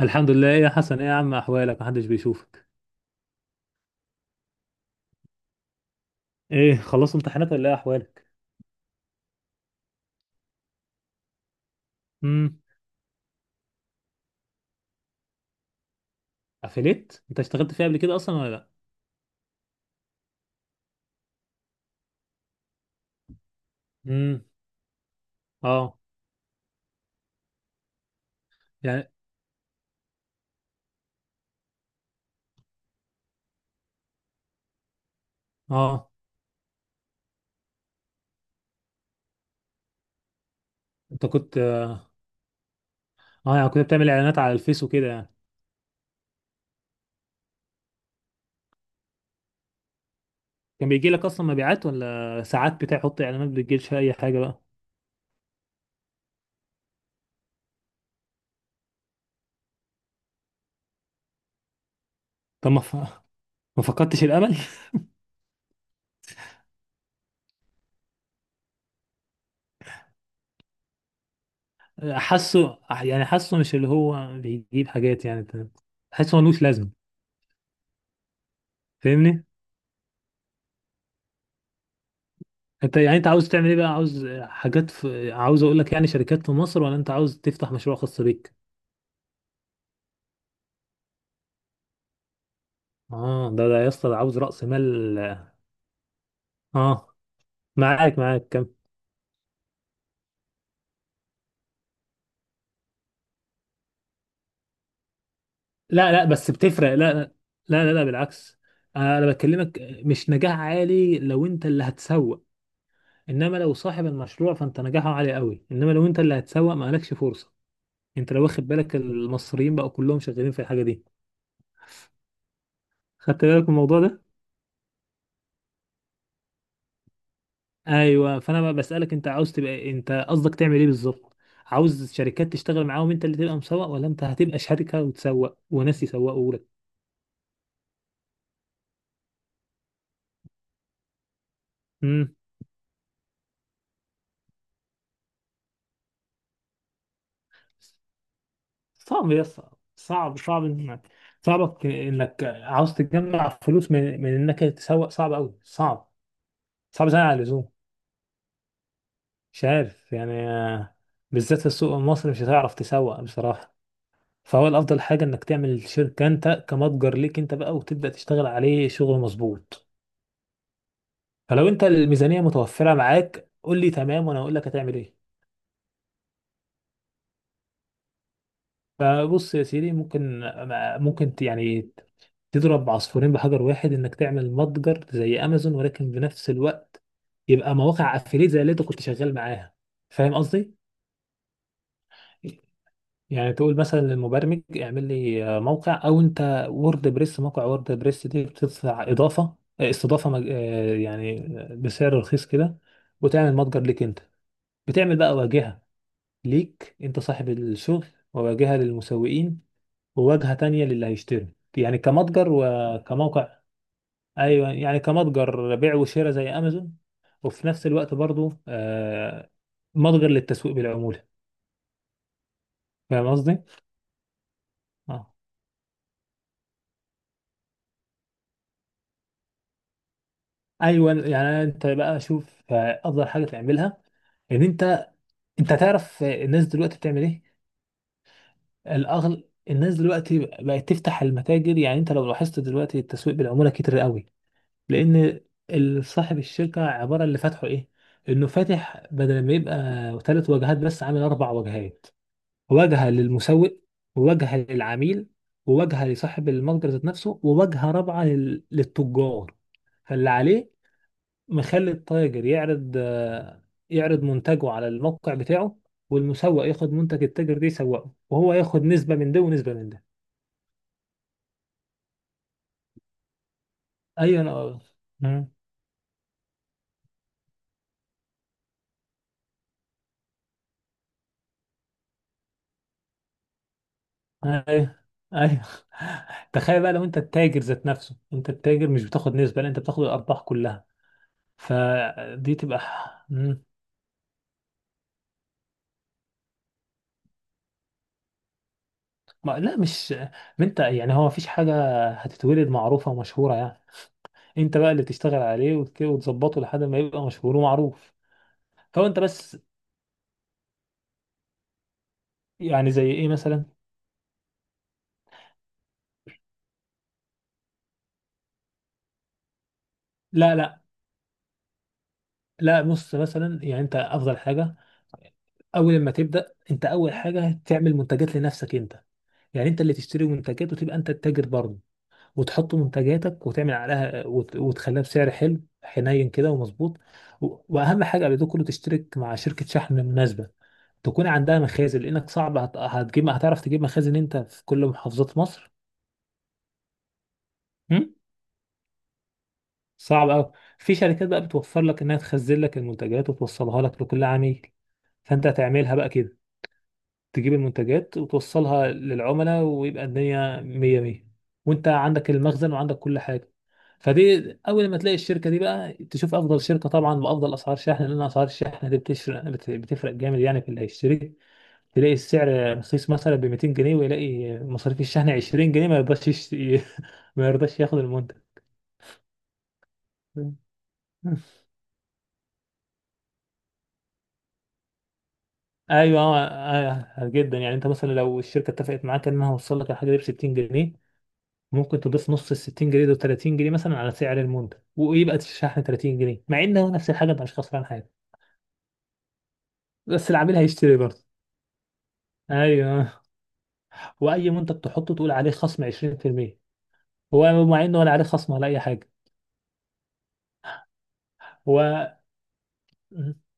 الحمد لله، ايه يا حسن؟ ايه يا عم، احوالك؟ محدش بيشوفك. ايه، خلصت امتحانات ولا ايه احوالك؟ امم افليت انت اشتغلت فيها قبل كده اصلا ولا لا؟ امم، اه، يعني، اه، انت كنت اه يعني كنت بتعمل اعلانات على الفيس وكده يعني. كان بيجي لك اصلا مبيعات، ولا ساعات بتحط اعلانات بتجيلش اي حاجه بقى؟ طب ما ف... ما فقدتش الامل. حاسه، يعني حاسه مش اللي هو بيجيب حاجات يعني. حاسه ملوش لازمه. فاهمني؟ انت يعني، انت عاوز تعمل ايه بقى؟ عاوز اقول لك يعني شركات في مصر، ولا انت عاوز تفتح مشروع خاص بيك؟ اه، ده يا اسطى، ده عاوز رأس مال. اه، معاك كم؟ لا لا، بس بتفرق. لا لا، لا لا، لا بالعكس. انا بكلمك. مش نجاح عالي لو انت اللي هتسوق، انما لو صاحب المشروع فانت نجاحه عالي قوي، انما لو انت اللي هتسوق ما لكش فرصة. انت لو واخد بالك المصريين بقوا كلهم شغالين في الحاجة دي. خدت بالك من الموضوع ده؟ ايوه، فانا بقى بسالك انت عاوز تبقى إيه؟ انت قصدك تعمل ايه بالظبط؟ عاوز شركات تشتغل معاهم انت اللي تبقى مسوق، ولا انت هتبقى شركه وتسوق وناس يسوقوا لك؟ امم صعب يا اسطى. صعب انك، صعبك انك عاوز تجمع فلوس من انك تسوق، صعب قوي، صعب. صعب زي على اللزوم. مش عارف يعني. بالذات في السوق المصري مش هتعرف تسوق بصراحه. فهو الافضل حاجه انك تعمل شركه انت، كمتجر ليك انت بقى، وتبدا تشتغل عليه شغل مظبوط. فلو انت الميزانيه متوفره معاك، قول لي تمام، وانا اقول لك هتعمل ايه. فبص يا سيدي، ممكن، يعني تضرب عصفورين بحجر واحد، انك تعمل متجر زي امازون، ولكن بنفس الوقت يبقى مواقع افيليت زي اللي انت كنت شغال معاها. فاهم قصدي؟ يعني تقول مثلا للمبرمج اعمل لي موقع، او انت وورد بريس. موقع وورد بريس دي بتدفع اضافه استضافه مج... آه، يعني بسعر رخيص كده، وتعمل متجر ليك انت. بتعمل بقى واجهه ليك انت صاحب الشغل، وواجهة للمسوقين، وواجهة تانية للي هيشتري. يعني كمتجر وكموقع. ايوه، يعني كمتجر بيع وشراء زي امازون، وفي نفس الوقت برضو متجر للتسويق بالعمولة. فاهم قصدي؟ اه، ايوه، يعني انت بقى شوف افضل حاجة تعملها. ان انت انت تعرف الناس دلوقتي بتعمل ايه؟ الاغل الناس دلوقتي بقت تفتح المتاجر. يعني انت لو لاحظت دلوقتي التسويق بالعمولة كتير قوي. لان صاحب الشركه عباره اللي فاتحه ايه، انه فاتح بدل ما يبقى ثلاث واجهات، بس عامل اربع واجهات. واجهه للمسوق، وواجهه للعميل، وواجهه لصاحب المتجر ذات نفسه، وواجهه رابعه للتجار. فاللي عليه مخلي التاجر يعرض يعرض منتجه على الموقع بتاعه. والمسوق ياخد منتج التاجر ده يسوقه، وهو ياخد نسبه من ده ونسبه من ده. ايوه. انا. ايوه. ايوه. تخيل بقى لو انت التاجر ذات نفسه، انت التاجر مش بتاخد نسبة، لا انت بتاخد الارباح كلها. فدي تبقى. مم. ما لا مش ما انت يعني هو مفيش حاجة هتتولد معروفة ومشهورة يعني. انت بقى اللي تشتغل عليه وتظبطه لحد ما يبقى مشهور ومعروف. فهو انت بس. يعني زي ايه مثلا؟ لا، لا، بص مثلا يعني. انت افضل حاجة اول ما تبدأ، انت اول حاجة تعمل منتجات لنفسك انت. يعني انت اللي تشتري منتجات، وتبقى انت التاجر برضه، وتحط منتجاتك وتعمل عليها وتخليها بسعر حلو حنين كده ومظبوط. واهم حاجه قبل ده كله تشترك مع شركه شحن مناسبه، تكون عندها مخازن، لانك صعب هتجيب، هتعرف تجيب مخازن انت في كل محافظات مصر؟ هم؟ صعب قوي. في شركات بقى بتوفر لك انها تخزن لك المنتجات وتوصلها لك لكل عميل. فانت هتعملها بقى كده، تجيب المنتجات وتوصلها للعملاء، ويبقى الدنيا مية مية، وانت عندك المخزن وعندك كل حاجة. فدي اول ما تلاقي الشركة دي بقى، تشوف افضل شركة طبعا بافضل اسعار شحن، لان اسعار الشحن دي بتفرق جامد. يعني في اللي هيشتري تلاقي السعر رخيص مثلا ب 200 جنيه، ويلاقي مصاريف الشحن 20 جنيه، ما يرضاش ما يرضاش ياخد المنتج. ايوه، جدا. يعني انت مثلا لو الشركه اتفقت معاك انها هوصل لك الحاجه دي ب 60 جنيه، ممكن تضيف نص ال 60 جنيه دول 30 جنيه مثلا على سعر المنتج، ويبقى الشحن 30 جنيه، مع ان هو نفس الحاجه مش خسران حاجه، بس العميل هيشتري برضه. ايوه، واي منتج تحطه تقول عليه خصم 20%، هو مع انه ولا عليه خصم ولا اي حاجه. هو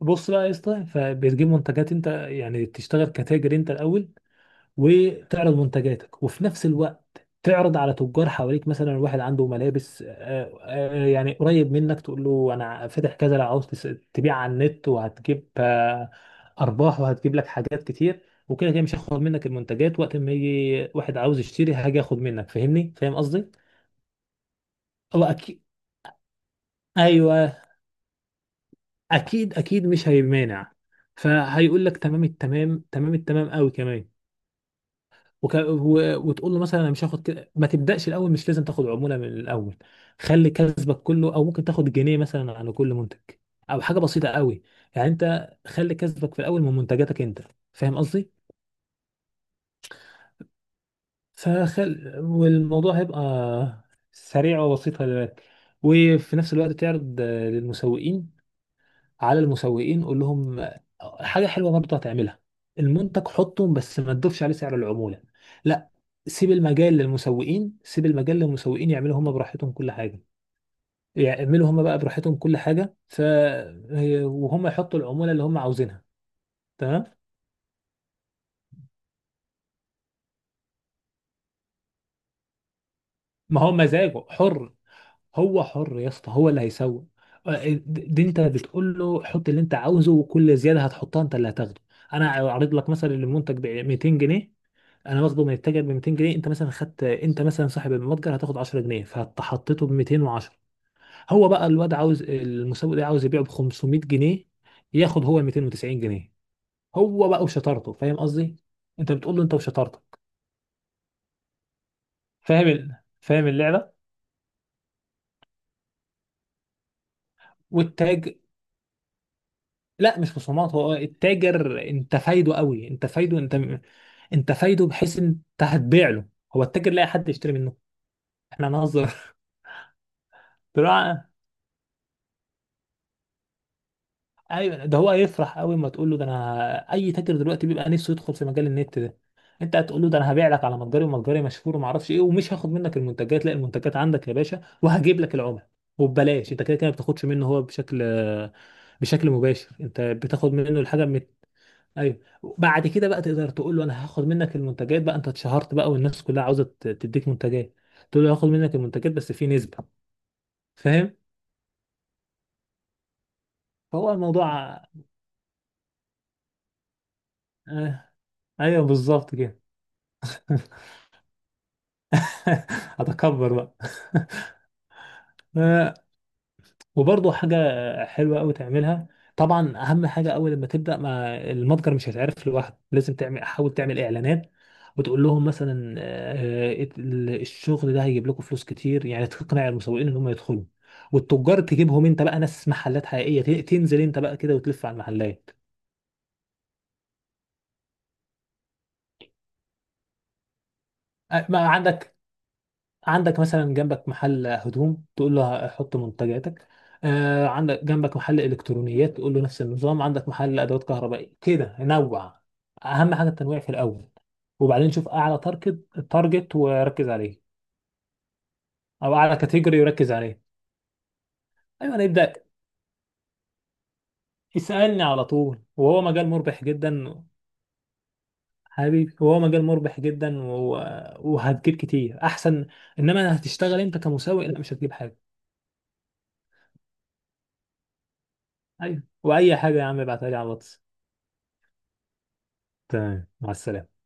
بص بقى يا اسطى، فبتجيب منتجات انت، يعني تشتغل كتاجر انت الاول، وتعرض منتجاتك، وفي نفس الوقت تعرض على تجار حواليك. مثلا واحد عنده ملابس يعني قريب منك، تقول له انا فاتح كذا، لو عاوز تبيع على النت، وهتجيب ارباح، وهتجيب لك حاجات كتير. وكده كده مش هاخد منك المنتجات، وقت ما يجي واحد عاوز يشتري هاجي اخد منك. فاهمني؟ فاهم قصدي؟ هو اكيد. ايوه، اكيد اكيد مش هيمانع، فهيقول لك تمام التمام، تمام التمام قوي كمان. وتقول له مثلا انا مش هاخد كده. ما تبداش الاول. مش لازم تاخد عموله من الاول، خلي كسبك كله، او ممكن تاخد جنيه مثلا على كل منتج، او حاجه بسيطه قوي. يعني انت خلي كسبك في الاول من منتجاتك انت. فاهم قصدي؟ فخل والموضوع هيبقى سريع وبسيط، خلي بالك. وفي نفس الوقت تعرض للمسوقين. على المسوقين قول لهم حاجه حلوه برضه هتعملها. المنتج حطه، بس ما تضيفش عليه سعر العموله، لا. سيب المجال للمسوقين، سيب المجال للمسوقين يعملوا هم براحتهم كل حاجه، يعملوا هم بقى براحتهم كل حاجه ف. وهم يحطوا العموله اللي هم عاوزينها. تمام. ما هو مزاجه حر. هو حر يا اسطى، هو اللي هيسوق. دي انت بتقول له حط اللي انت عاوزه، وكل زياده هتحطها انت اللي هتاخده. انا عارض لك مثلا المنتج ب 200 جنيه، انا واخده من التاجر ب 200 جنيه، انت مثلا خدت، انت مثلا صاحب المتجر هتاخد 10 جنيه، فحطيته ب 210. هو بقى الواد عاوز، المسوق ده عاوز يبيعه ب 500 جنيه، ياخد هو 290 جنيه. هو بقى وشطارته. فاهم قصدي؟ انت بتقول له انت وشطارتك. فاهم اللعبه؟ والتاج لا مش خصومات، هو التاجر انت فايده قوي، انت فايده انت، انت فايده بحيث انت هتبيع له، هو التاجر لاقي حد يشتري منه. احنا هنهزر. طلع. ايوه، ده هو هيفرح قوي، ما تقول له ده انا. اي تاجر دلوقتي بيبقى نفسه يدخل في مجال النت ده. انت هتقول له ده انا هبيع لك على متجري ومتجري مشهور وما اعرفش ايه، ومش هاخد منك المنتجات، لا المنتجات عندك يا باشا، وهجيب لك العملاء وببلاش. انت كده كده ما بتاخدش منه هو، بشكل مباشر انت بتاخد منه الحاجه. ايوه. بعد كده بقى تقدر تقول له انا هاخد منك المنتجات بقى، انت اتشهرت بقى والناس كلها عاوزه تديك منتجات. تقول له هاخد منك المنتجات بس في نسبه. فاهم؟ فهو الموضوع. آه، ايوه بالظبط كده. هتكبر بقى. وبرضه حاجة حلوة أوي تعملها. طبعا أهم حاجة أول لما تبدأ، ما المتجر مش هيتعرف لوحده. لازم تعمل، حاول تعمل إعلانات، وتقول لهم مثلا الشغل ده هيجيب لكم فلوس كتير، يعني تقنع المسوقين إن هم يدخلوا. والتجار تجيبهم أنت بقى ناس محلات حقيقية تنزل أنت بقى كده وتلف على المحلات. ما عندك. عندك مثلا جنبك محل هدوم، تقول له حط منتجاتك. آه، عندك جنبك محل الكترونيات تقول له نفس النظام، عندك محل ادوات كهربائيه كده نوع. اهم حاجه التنويع في الاول، وبعدين شوف اعلى تارجت. تارجت وركز عليه، او اعلى كاتيجوري وركز عليه. ايوه، انا يبدا يسالني على طول، وهو مجال مربح جدا. حبيبي، وهو مجال مربح جدا وهتجيب كتير احسن. انما هتشتغل انت كمسوق لا، مش هتجيب حاجه. ايوه، واي حاجه يا عم ابعتها لي على الواتس. تمام، مع السلامة.